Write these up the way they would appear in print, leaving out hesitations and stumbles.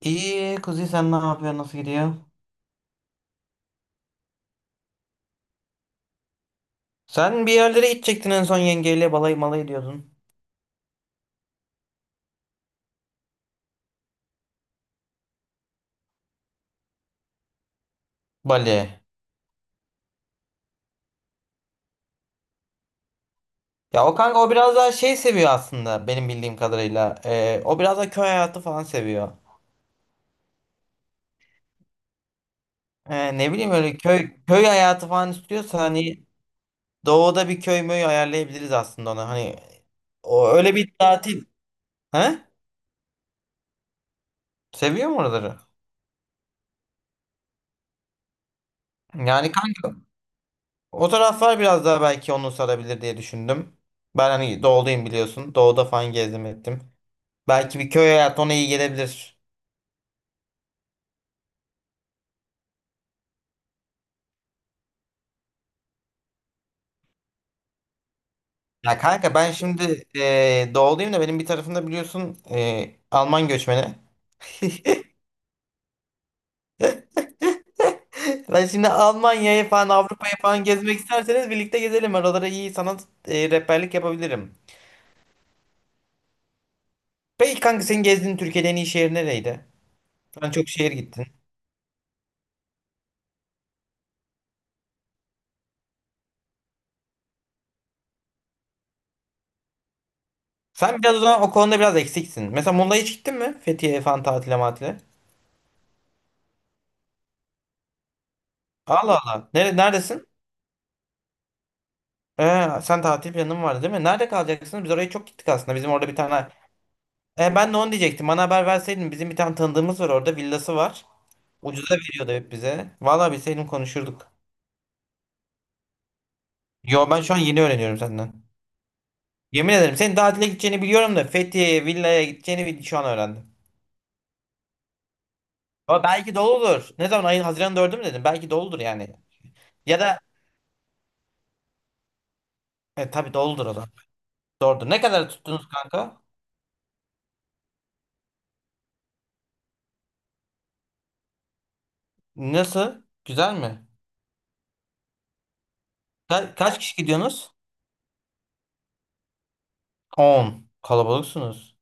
İyi Kuzi, sen ne yapıyorsun, nasıl gidiyor? Sen bir yerlere gidecektin en son yengeyle balayı malayı diyordun. Bali. Ya o kanka, o biraz daha şey seviyor aslında benim bildiğim kadarıyla. O biraz da köy hayatı falan seviyor. Ne bileyim, öyle köy hayatı falan istiyorsa hani doğuda bir köy möy ayarlayabiliriz aslında ona. Hani o öyle bir tatil. He? Seviyor mu oraları? Yani kanka, o taraflar biraz daha belki onu sarabilir diye düşündüm. Ben hani doğudayım biliyorsun. Doğuda falan gezdim ettim. Belki bir köy hayatı ona iyi gelebilir. Ya kanka ben şimdi doğuluyum da benim bir tarafımda biliyorsun Alman göçmeni. Ben şimdi Almanya'yı falan Avrupa'yı falan gezmek isterseniz birlikte gezelim. Oralara iyi sanat rehberlik yapabilirim. Peki kanka, senin gezdiğin Türkiye'de en iyi şehir nereydi? Sen çok şehir gittin. Sen biraz o zaman o konuda biraz eksiksin. Mesela Muğla'ya hiç gittin mi? Fethiye falan tatile matile. Allah Allah. Neredesin? Sen tatil planın vardı değil mi? Nerede kalacaksın? Biz oraya çok gittik aslında. Bizim orada bir tane. Ben de onu diyecektim. Bana haber verseydin bizim bir tane tanıdığımız var, orada villası var. Ucuza veriyordu hep bize. Vallahi bilseydim konuşurduk. Yo, ben şu an yeni öğreniyorum senden. Yemin ederim senin tatile gideceğini biliyorum da Fethiye'ye villaya gideceğini şu an öğrendim. Ama belki doludur. Ne zaman, ayın Haziran 4'ü mü dedim? Belki doludur yani. Ya da tabii doludur o zaman. Doğrudur. Ne kadar tuttunuz kanka? Nasıl? Güzel mi? Kaç kişi gidiyorsunuz? 10. Kalabalıksınız.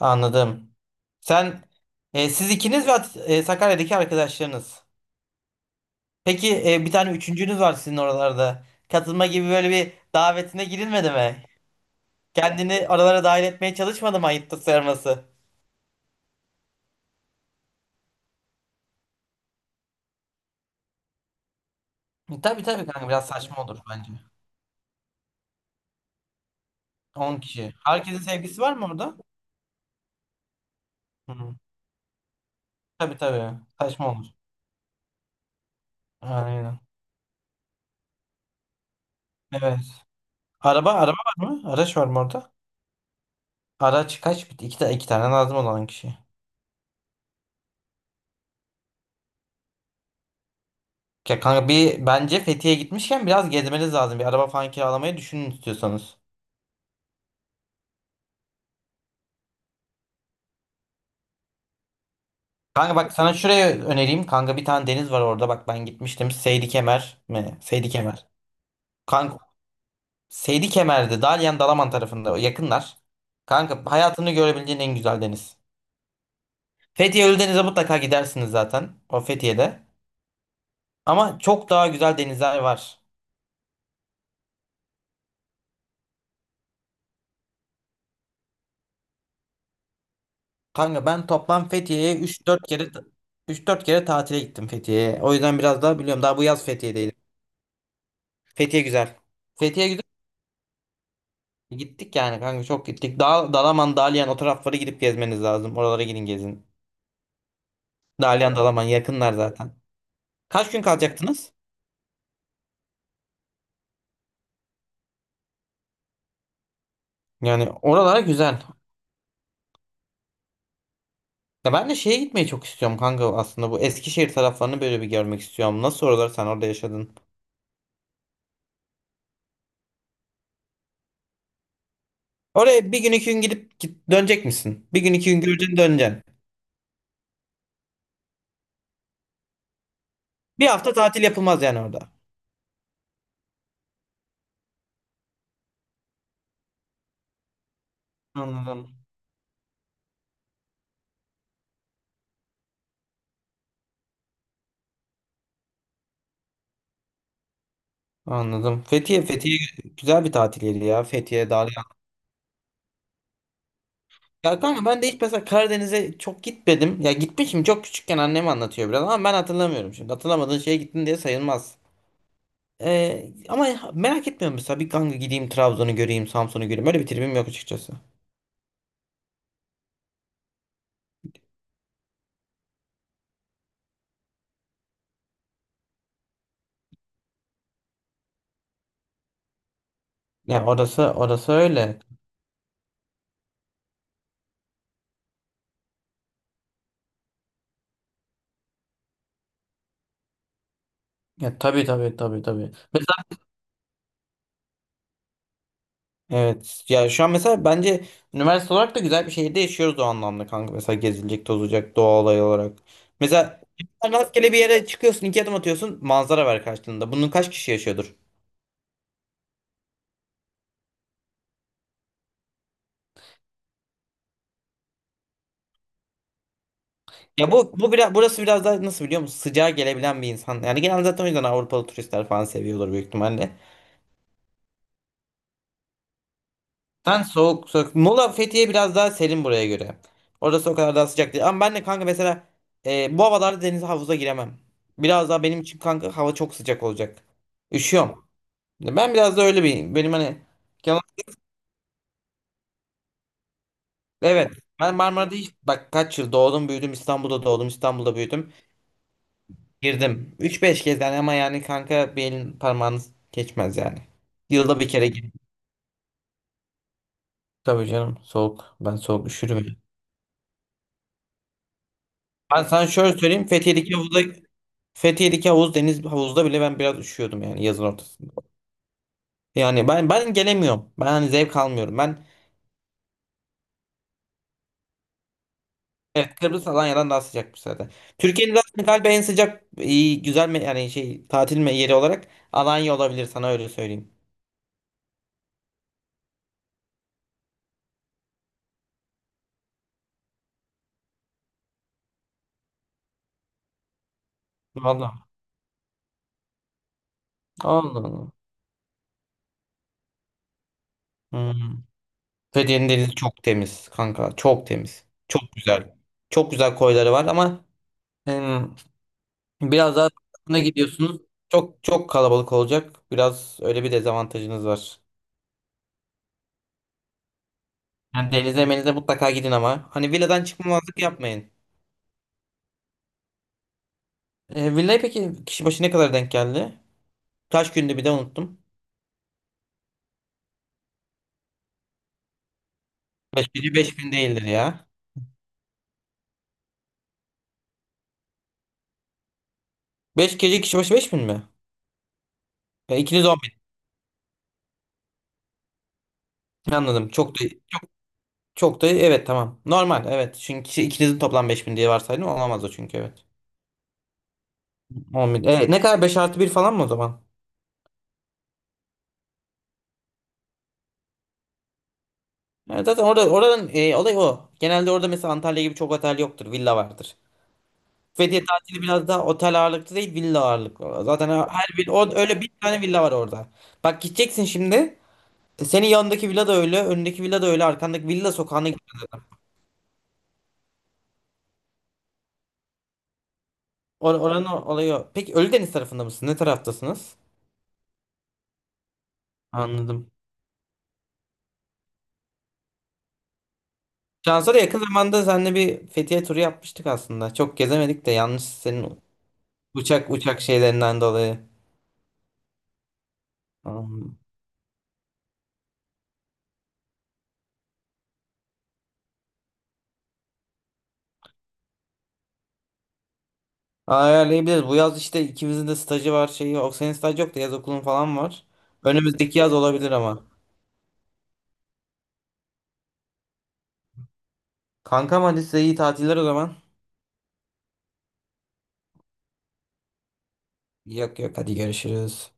Anladım. Sen Siz ikiniz ve Sakarya'daki arkadaşlarınız. Peki bir tane üçüncünüz var sizin oralarda. Katılma gibi böyle bir davetine girilmedi mi? Kendini aralara dahil etmeye çalışmadı mı, ayıptır sarması? Tabii tabii kanka, biraz saçma olur bence. 10 kişi. Herkesin sevgisi var mı orada? Hı. Tabii tabii. Saçma olur. Aynen. Evet. Araba var mı? Araç var mı orada? Araç kaç? İki, iki tane lazım olan kişi. Ya kanka, bir bence Fethiye'ye gitmişken biraz gezmeniz lazım. Bir araba falan kiralamayı düşünün istiyorsanız. Kanka bak, sana şuraya önereyim. Kanka bir tane deniz var orada. Bak ben gitmiştim. Seydi Kemer mi? Seydi Kemer. Kanka Seydi Kemer'de Dalyan Dalaman tarafında yakınlar. Kanka hayatını görebileceğin en güzel deniz. Fethiye Ölüdeniz'e mutlaka gidersiniz zaten. O Fethiye'de. Ama çok daha güzel denizler var. Kanka ben toplam Fethiye'ye üç dört kere tatile gittim Fethiye'ye. O yüzden biraz daha biliyorum. Daha bu yaz Fethiye'deydim. Fethiye güzel. Fethiye güzel. Gittik yani kanka, çok gittik. Dalaman, Dalyan, o taraflara gidip gezmeniz lazım. Oralara gidin gezin. Dalyan, Dalaman yakınlar zaten. Kaç gün kalacaktınız? Yani oralara güzel. Ya ben de şeye gitmeyi çok istiyorum kanka aslında, bu Eskişehir taraflarını böyle bir görmek istiyorum. Nasıl oralar, sen orada yaşadın? Oraya bir gün iki gün gidip dönecek misin? Bir gün iki gün göreceksin döneceksin. Bir hafta tatil yapılmaz yani orada. Anladım. Anladım. Fethiye güzel bir tatil yeri ya. Fethiye, Dalyan. Ya kanka ben de hiç mesela Karadeniz'e çok gitmedim. Ya gitmişim çok küçükken, annem anlatıyor biraz ama ben hatırlamıyorum şimdi. Hatırlamadığın şeye gittin diye sayılmaz. Ama merak etmiyorum mesela, bir kanka gideyim Trabzon'u göreyim, Samsun'u göreyim. Öyle bir tribim yok açıkçası. Ya orası öyle. Ya, tabii tabii tabii tabii. Mesela evet ya, şu an mesela bence üniversite olarak da güzel bir şehirde yaşıyoruz o anlamda kanka. Mesela gezilecek, tozulacak doğa olayı olarak. Mesela rastgele bir yere çıkıyorsun, iki adım atıyorsun, manzara var karşılığında. Bunun kaç kişi yaşıyordur? Ya bu biraz burası biraz daha, nasıl biliyor musun? Sıcağa gelebilen bir insan. Yani genelde zaten o yüzden Avrupalı turistler falan seviyorlar büyük ihtimalle. Sen soğuk soğuk. Muğla Fethiye biraz daha serin buraya göre. Orası o kadar daha sıcak değil. Ama ben de kanka mesela bu havalarda denize havuza giremem. Biraz daha benim için kanka hava çok sıcak olacak. Üşüyorum. Ben biraz da öyle bir benim hani. Kemal- evet, ben Marmara'da hiç bak kaç yıl doğdum büyüdüm, İstanbul'da doğdum, İstanbul'da büyüdüm. Girdim. Üç beş kez yani, ama yani kanka bir elin parmağınız geçmez yani. Yılda bir kere girdim. Tabii canım soğuk. Ben soğuk üşürüm. Ben sana şöyle söyleyeyim. Fethiye'deki havuzda Fethiye'deki havuz deniz havuzda bile ben biraz üşüyordum yani yazın ortasında. Yani ben gelemiyorum. Ben hani zevk almıyorum. Ben. Evet, Kıbrıs Alanya'dan daha sıcakmış zaten. Türkiye'nin zaten galiba en sıcak, iyi güzel mi yani şey tatil mi yeri olarak Alanya olabilir, sana öyle söyleyeyim. Vallahi. Allah Allah. Hmm. Fethiye'nin denizi çok temiz kanka. Çok temiz. Çok güzel. Çok güzel koyları var ama em, biraz daha buna gidiyorsunuz. Çok çok kalabalık olacak. Biraz öyle bir dezavantajınız var. Yani denize menize mutlaka gidin ama, hani villadan çıkmamazlık yapmayın. Villaya peki kişi başı ne kadar denk geldi? Kaç gündü bir de unuttum. 5 gece 5000 değildir ya. 5 gece kişi başı 5000 mi? İkiniz 10 bin. Anladım. Çok da evet, tamam. Normal evet. Çünkü ikinizin toplam 5000 diye varsaydım olamaz o, çünkü evet. 10 bin. Evet, ne kadar, 5+1 falan mı o zaman? Evet, zaten orada, oradan olay o. Genelde orada mesela Antalya gibi çok otel yoktur. Villa vardır. Fethiye tatili biraz daha otel ağırlıklı değil, villa ağırlıklı. Zaten her bir orada öyle bir tane villa var orada. Bak gideceksin şimdi. Senin yanındaki villa da öyle, önündeki villa da öyle, arkandaki villa sokağına. Oranın olayı o. Peki Ölüdeniz tarafında mısın? Ne taraftasınız? Anladım. Şansa da yakın zamanda seninle bir Fethiye turu yapmıştık aslında. Çok gezemedik de yanlış senin uçak şeylerinden dolayı. Anladım. Ayarlayabiliriz. Bu yaz işte ikimizin de stajı var şeyi. O senin staj yok da yaz okulun falan var. Önümüzdeki yaz olabilir ama. Kankam, hadi size iyi tatiller o zaman. Yok yok, hadi görüşürüz.